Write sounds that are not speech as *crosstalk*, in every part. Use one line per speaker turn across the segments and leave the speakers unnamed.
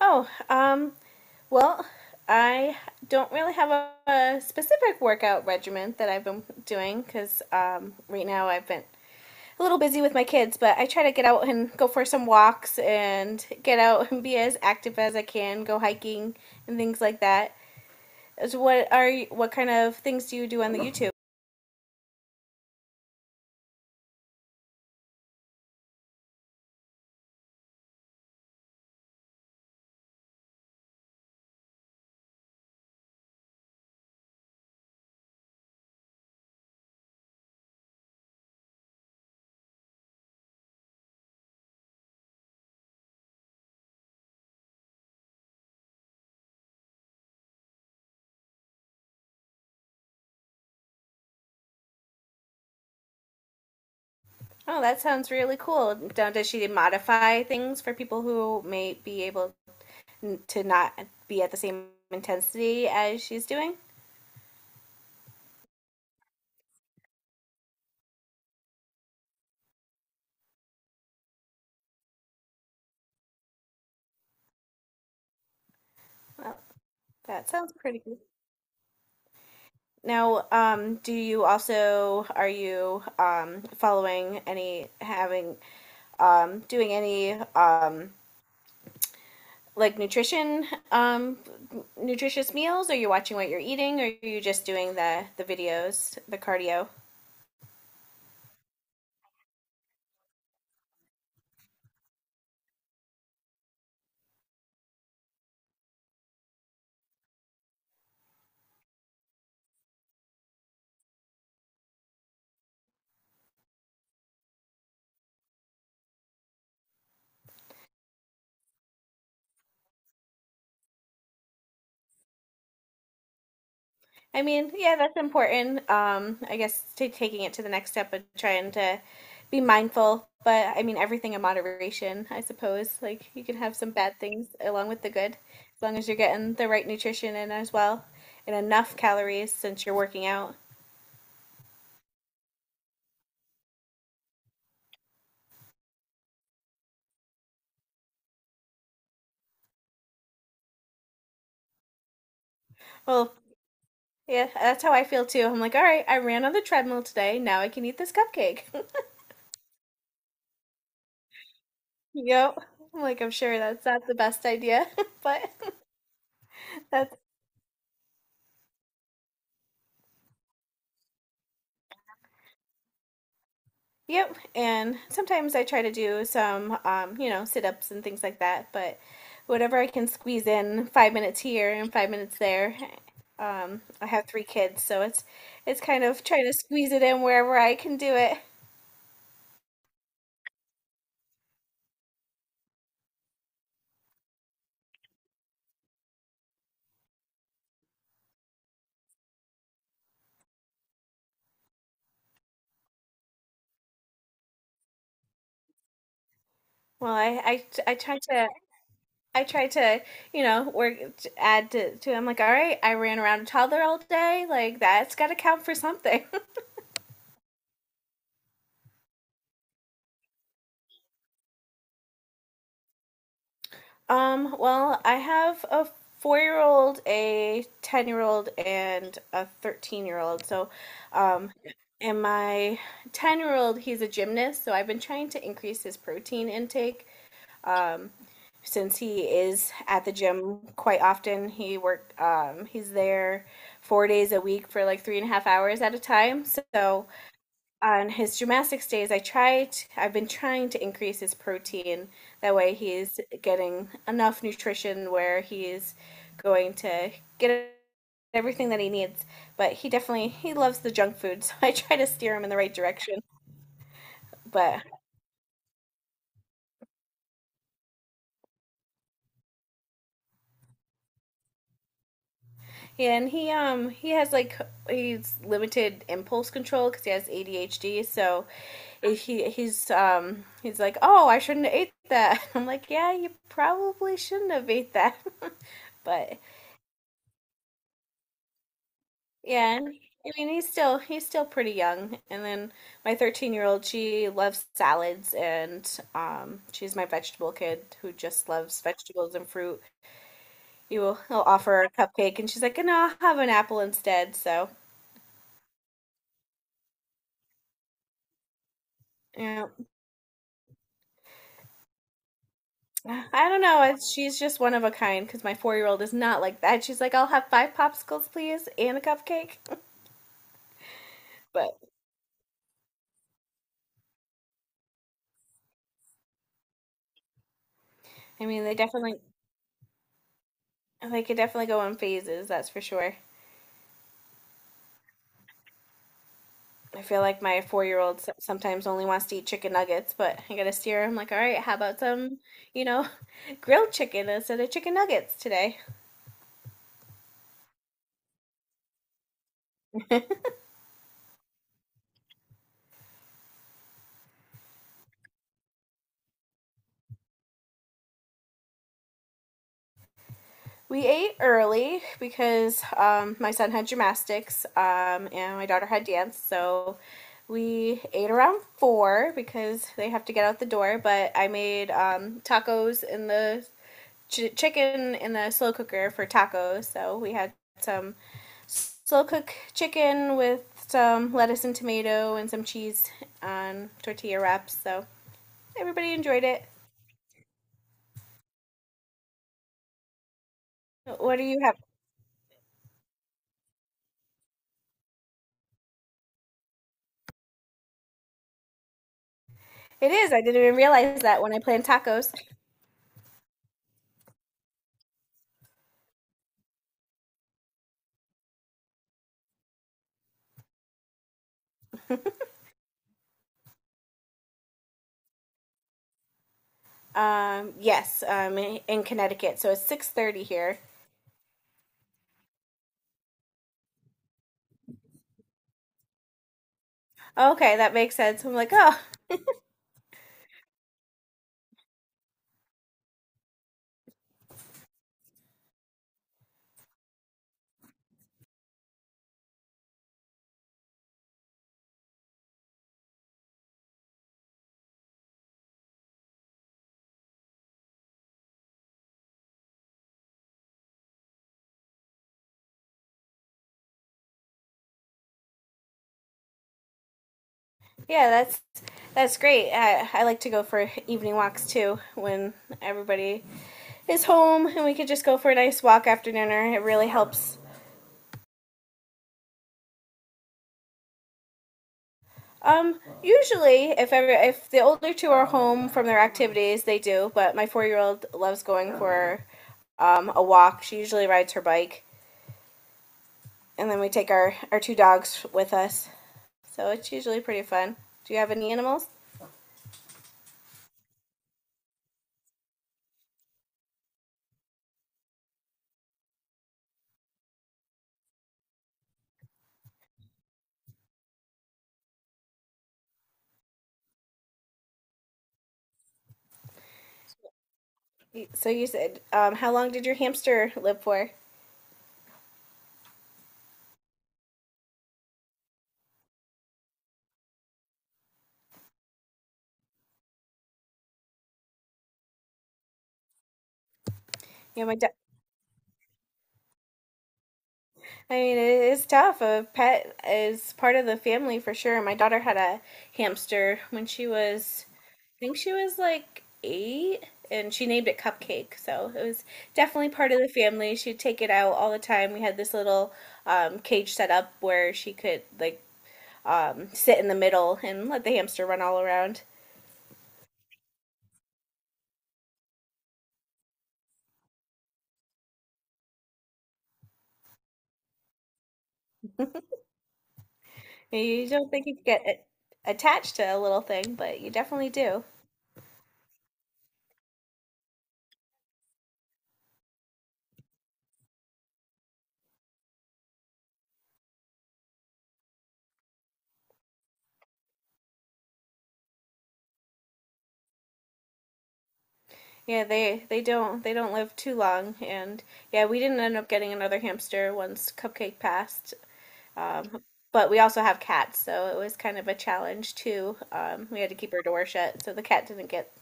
Oh, um, well, I don't really have a specific workout regimen that I've been doing because right now I've been a little busy with my kids, but I try to get out and go for some walks and get out and be as active as I can, go hiking and things like that. So what kind of things do you do on the YouTube? Oh, that sounds really cool. Does she modify things for people who may be able to not be at the same intensity as she's doing? Well, that sounds pretty good. Now, do you also are you following any having doing any like nutrition um nutritious meals? Are you watching what you're eating? Or are you just doing the videos, the cardio? I mean, yeah, that's important. I guess to taking it to the next step of trying to be mindful, but I mean everything in moderation, I suppose. Like you can have some bad things along with the good, as long as you're getting the right nutrition in as well and enough calories since you're working out. Well, yeah, that's how I feel too. I'm like, all right, I ran on the treadmill today. Now I can eat this cupcake. *laughs* Yep. I'm like, I'm sure that's not the best idea, *laughs* but that's Yep, and sometimes I try to do some, sit ups and things like that, but whatever I can squeeze in, 5 minutes here and 5 minutes there. I have three kids, so it's kind of trying to squeeze it in wherever I can do it. Well, I try to I try to you know work add to I'm like, all right, I ran around a toddler all day, like that's got to count for something. Well, I have a 4 year old, a 10-year-old, and a 13-year-old. So, um, and my 10-year-old, he's a gymnast. So I've been trying to increase his protein intake. Um, since he is at the gym quite often, he's there 4 days a week for like three and a half hours at a time. So, on his gymnastics days, I've been trying to increase his protein. That way he's getting enough nutrition where he's going to get everything that he needs. But he definitely, he loves the junk food, *laughs* so I try to steer him in the right direction. But, and he has like, he's limited impulse control because he has ADHD, so he's he's like, "Oh, I shouldn't have ate that." *laughs* I'm like, "Yeah, you probably shouldn't have ate that." *laughs* but Yeah, and I mean he's still pretty young. And then my 13-year-old, she loves salads, and she's my vegetable kid who just loves vegetables and fruit. You will he'll offer her a cupcake and she's like, "No, I'll have an apple instead." So, yeah. I don't know. She's just one of a kind, because my 4-year-old is not like that. She's like, "I'll have five popsicles, please, and a cupcake." But I mean, they definitely they could definitely go in phases, that's for sure. I feel like my 4 year old sometimes only wants to eat chicken nuggets, but I gotta steer him like, all right, how about some, you know, *laughs* grilled chicken instead of chicken nuggets today? We ate early because my son had gymnastics and my daughter had dance, so we ate around four because they have to get out the door. But I made tacos in the chicken in the slow cooker for tacos, so we had some slow cook chicken with some lettuce and tomato and some cheese on tortilla wraps. So everybody enjoyed it. What do you have? It is. I didn't even realize that when I planned tacos. Yes, in Connecticut. So it's 6:30 here. Okay, that makes sense. I'm like, oh, yeah, that's great. I like to go for evening walks too when everybody is home and we could just go for a nice walk after dinner. It really helps. Usually, if the older two are home from their activities, they do. But my 4 year old loves going for a walk. She usually rides her bike, and then we take our two dogs with us. So it's usually pretty fun. Do you have any animals? So you said, how long did your hamster live for? Yeah, my da- I mean, it is tough. A pet is part of the family for sure. My daughter had a hamster when she was, think she was like eight, and she named it Cupcake. So it was definitely part of the family. She'd take it out all the time. We had this little cage set up where she could like sit in the middle and let the hamster run all around. *laughs* You don't think you get it attached to a little thing, but you definitely do. Yeah, they don't live too long, and yeah, we didn't end up getting another hamster once Cupcake passed. Um, but we also have cats, so it was kind of a challenge too. We had to keep our door shut so the cat didn't get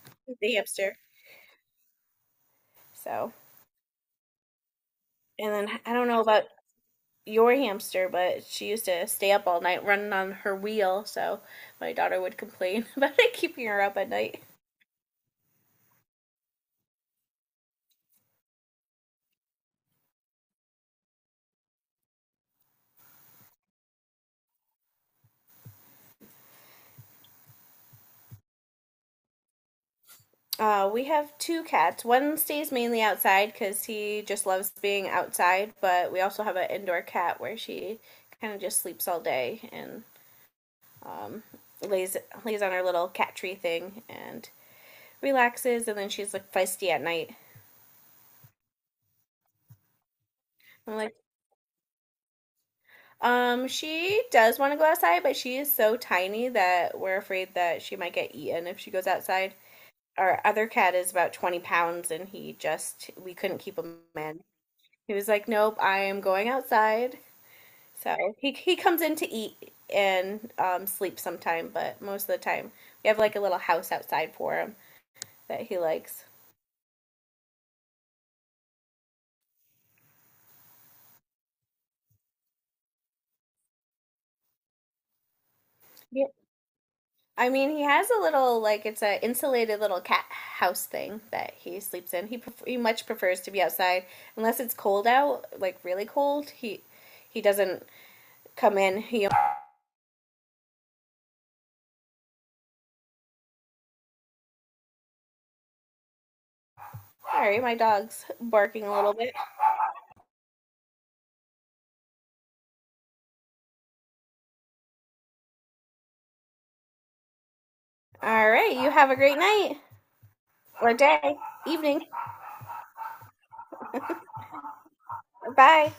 the hamster. So, and then I don't know about your hamster, but she used to stay up all night running on her wheel, so my daughter would complain *laughs* about it keeping her up at night. We have two cats. One stays mainly outside because he just loves being outside, but we also have an indoor cat where she kind of just sleeps all day and um, lays lays on her little cat tree thing and relaxes, and then she's like feisty at night. I'm like, she does want to go outside, but she is so tiny that we're afraid that she might get eaten if she goes outside. Our other cat is about 20 pounds, and he just we couldn't keep him in. He was like, nope, I am going outside. So he comes in to eat and sleep sometime, but most of the time we have like a little house outside for him that he likes. Yeah. I mean, he has a little, like it's a insulated little cat house thing that he sleeps in. He much prefers to be outside unless it's cold out, like really cold. He doesn't come in. He Sorry, my dog's barking a little bit. All right, you have a great night or day, evening. Bye.